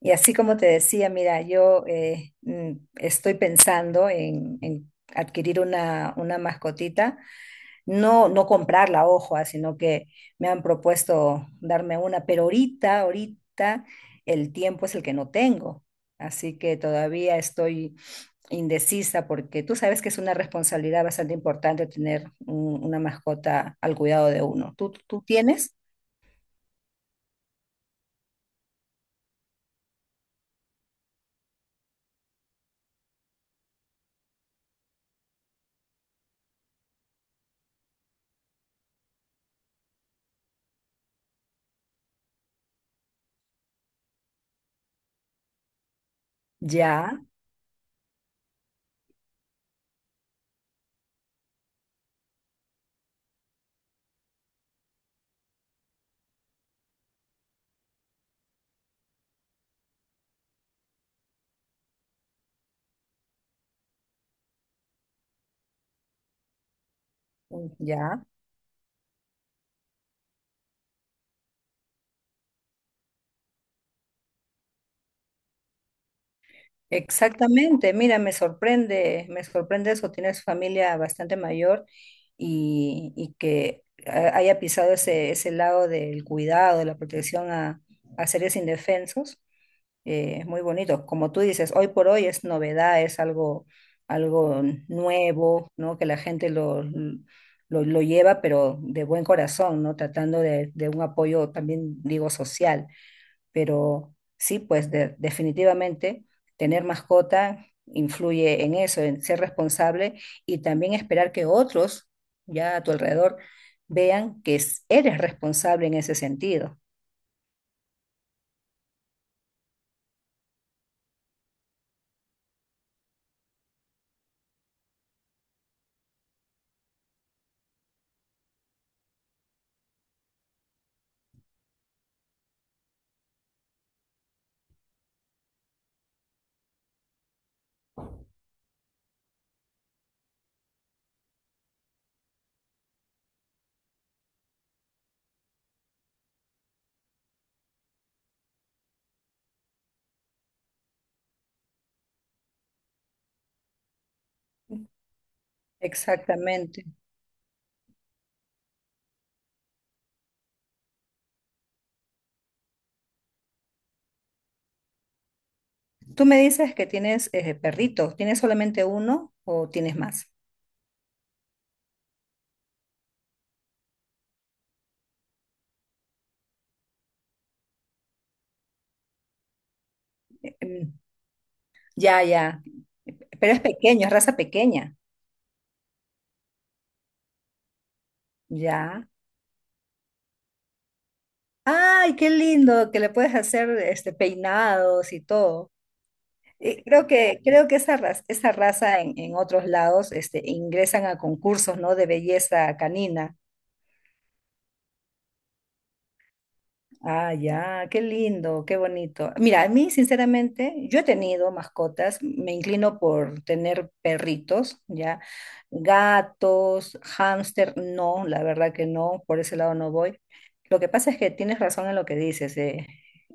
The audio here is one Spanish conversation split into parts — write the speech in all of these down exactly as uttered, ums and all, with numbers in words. Y así como te decía, mira, yo eh, mm, estoy pensando en, en adquirir una, una mascotita, no, no comprarla, ojo, ah, sino que me han propuesto darme una, pero ahorita, ahorita el tiempo es el que no tengo, así que todavía estoy indecisa porque tú sabes que es una responsabilidad bastante importante tener un- una mascota al cuidado de uno. ¿Tú, tú tienes? Ya, ya. Exactamente, mira, me sorprende, me sorprende eso, tienes familia bastante mayor y, y que ha- haya pisado ese, ese lado del cuidado, de la protección a, a seres indefensos, eh, es muy bonito. Como tú dices, hoy por hoy es novedad, es algo, algo nuevo, ¿no? Que la gente lo, lo, lo lleva, pero de buen corazón, ¿no? Tratando de, de un apoyo también, digo, social, pero sí, pues de- definitivamente tener mascota influye en eso, en ser responsable y también esperar que otros ya a tu alrededor vean que es- eres responsable en ese sentido. Exactamente. Tú me dices que tienes eh, perritos. ¿Tienes solamente uno o tienes más? Mm. Ya, ya. Pero es pequeño, es raza pequeña. Ya. Ay, qué lindo que le puedes hacer este peinados y todo. Eh, Creo que, creo que esa raza, esa raza en, en otros lados este, ingresan a concursos, ¿no? De belleza canina. Ah, ya, qué lindo, qué bonito. Mira, a mí, sinceramente, yo he tenido mascotas, me inclino por tener perritos, ya, gatos, hámster, no, la verdad que no, por ese lado no voy. Lo que pasa es que tienes razón en lo que dices, eh,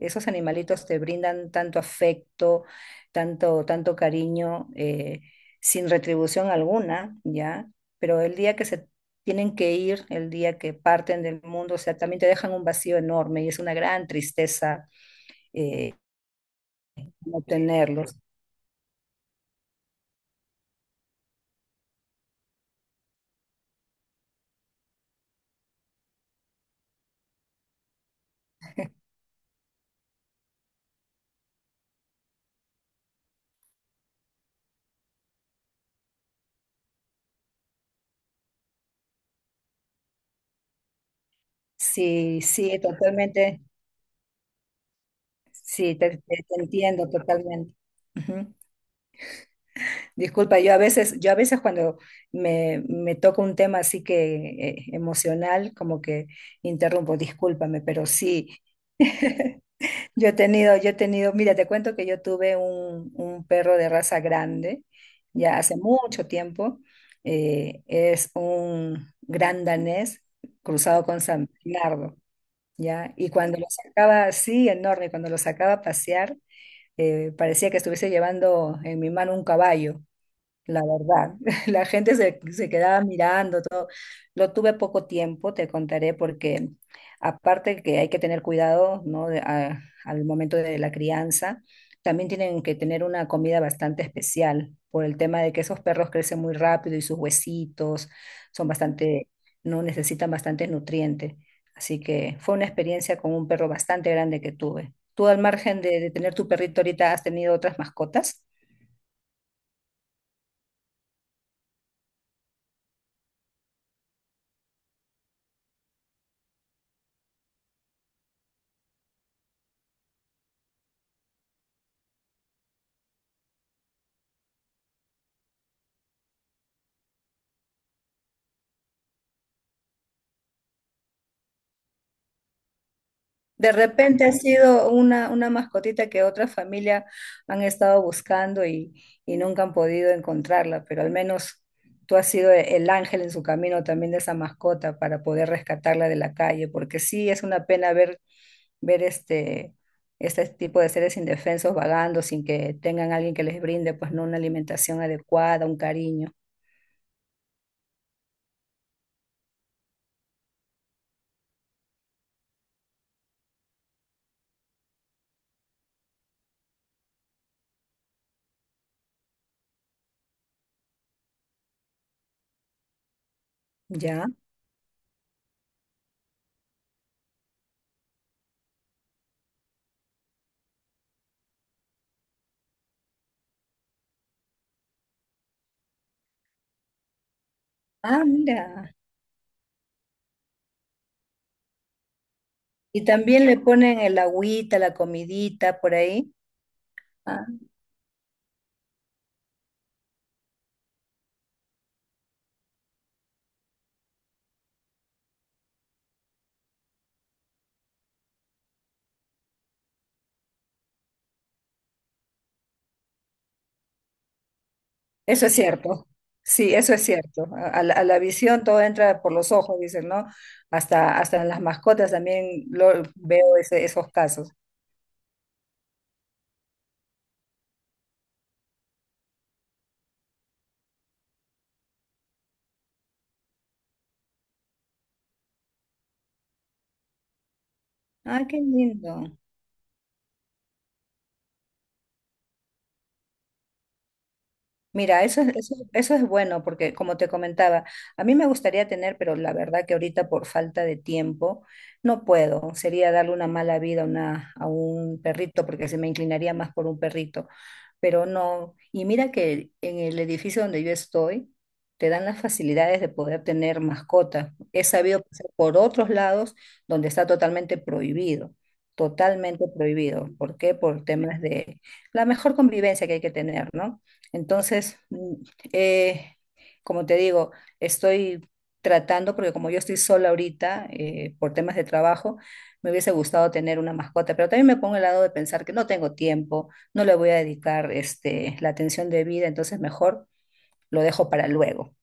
esos animalitos te brindan tanto afecto, tanto, tanto cariño, eh, sin retribución alguna, ya, pero el día que se tienen que ir, el día que parten del mundo, o sea, también te dejan un vacío enorme y es una gran tristeza eh, no tenerlos. Sí, sí, totalmente, sí, te, te- te entiendo totalmente. Ujú. Disculpa, yo a veces, yo a veces cuando me, me toca un tema así que eh, emocional, como que interrumpo, discúlpame, pero sí. Yo he tenido, yo he tenido, mira, te cuento que yo tuve un, un perro de raza grande ya hace mucho tiempo. Eh, es un gran danés cruzado con San Bernardo, ¿ya? Y cuando lo sacaba así, enorme, cuando lo sacaba a pasear, eh, parecía que estuviese llevando en mi mano un caballo. La verdad, la gente se, se quedaba mirando todo. Lo tuve poco tiempo, te contaré, porque aparte que hay que tener cuidado, ¿no? De- a- al momento de la crianza, también tienen que tener una comida bastante especial por el tema de que esos perros crecen muy rápido y sus huesitos son bastante, no necesitan bastantes nutrientes. Así que fue una experiencia con un perro bastante grande que tuve. ¿Tú al margen de, de tener tu perrito ahorita has tenido otras mascotas? De repente ha sido una, una mascotita que otra familia han estado buscando y, y nunca han podido encontrarla, pero al menos tú has sido e- el ángel en su camino también de esa mascota para poder rescatarla de la calle, porque sí es una pena ver, ver este, este tipo de seres indefensos vagando sin que tengan alguien que les brinde pues no una alimentación adecuada, un cariño, ¿ya? Ah, mira. Y también le ponen el agüita, la comidita por ahí. Ah. Eso es cierto, sí, eso es cierto. A, a la, a la visión todo entra por los ojos, dicen, ¿no? Hasta, hasta en las mascotas también lo, veo ese- esos casos. Ah, qué lindo. Mira, eso es, eso, eso es bueno porque, como te comentaba, a mí me gustaría tener, pero la verdad que ahorita por falta de tiempo no puedo. Sería darle una mala vida a, una, a un perrito porque se me inclinaría más por un perrito. Pero no. Y mira que en el edificio donde yo estoy, te dan las facilidades de poder tener mascotas. He sabido pasar por otros lados donde está totalmente prohibido, totalmente prohibido. ¿Por qué? Por temas de la mejor convivencia que hay que tener, ¿no? Entonces, mm, eh, como te digo, estoy tratando, porque como yo estoy sola ahorita, eh, por temas de trabajo, me hubiese gustado tener una mascota, pero también me pongo el lado de pensar que no tengo tiempo, no le voy a dedicar este, la atención debida, entonces mejor lo dejo para luego.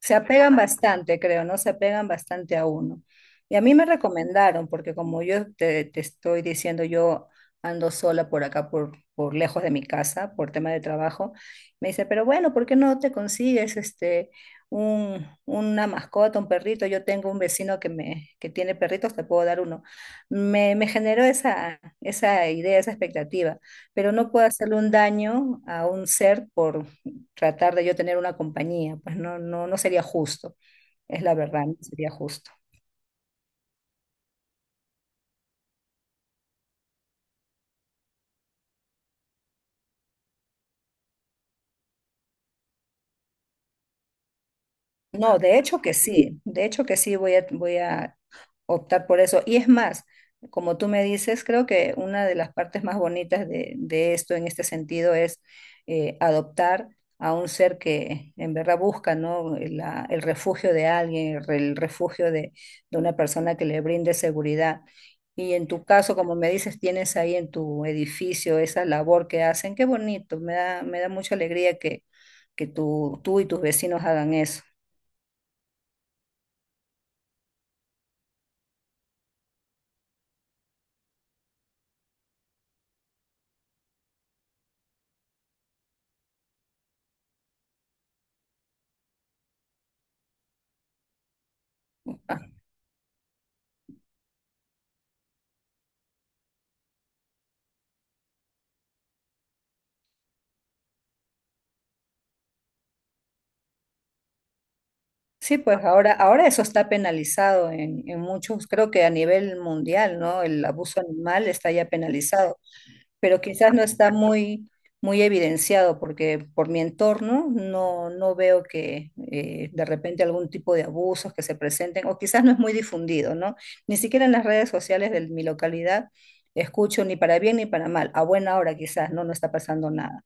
Se apegan bastante, creo, ¿no? Se apegan bastante a uno. Y a mí me recomendaron, porque como yo te, te estoy diciendo, yo ando sola por acá, por, por lejos de mi casa, por tema de trabajo, me dice, pero bueno, ¿por qué no te consigues este, un, una mascota, un perrito? Yo tengo un vecino que, me, que tiene perritos, te puedo dar uno. Me, me generó esa, esa idea, esa expectativa, pero no puedo hacerle un daño a un ser por tratar de yo tener una compañía, pues no, no, no sería justo, es la verdad, no sería justo. No, de hecho que sí, de hecho que sí voy a, voy a optar por eso. Y es más, como tú me dices, creo que una de las partes más bonitas de, de esto en este sentido es eh, adoptar a un ser que en verdad busca, ¿no? La- el refugio de alguien, el, re- el refugio de, de una persona que le brinde seguridad. Y en tu caso, como me dices, tienes ahí en tu edificio esa labor que hacen. Qué bonito, me da, me da mucha alegría que, que tú, tú y tus vecinos hagan eso. Sí, pues ahora, ahora eso está penalizado en, en muchos, creo que a nivel mundial, ¿no? El abuso animal está ya penalizado, pero quizás no está muy, muy evidenciado porque por mi entorno no, no veo que eh, de repente algún tipo de abusos que se presenten o quizás no es muy difundido, ¿no? Ni siquiera en las redes sociales de mi localidad escucho ni para bien ni para mal. A buena hora quizás, ¿no? No está pasando nada.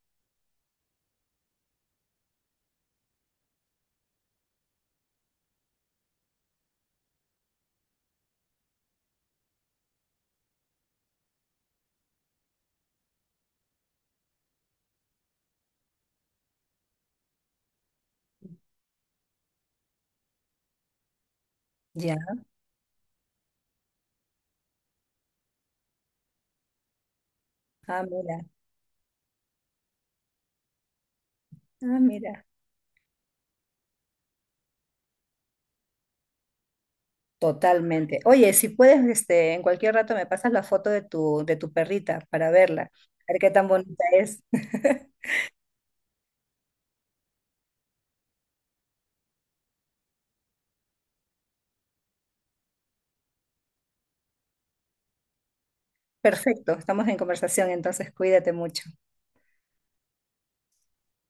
Ya. Ah, mira. Ah, mira. Totalmente. Oye, si puedes, este, en cualquier rato me pasas la foto de tu, de tu perrita para verla, a ver qué tan bonita es. Perfecto, estamos en conversación, entonces cuídate mucho.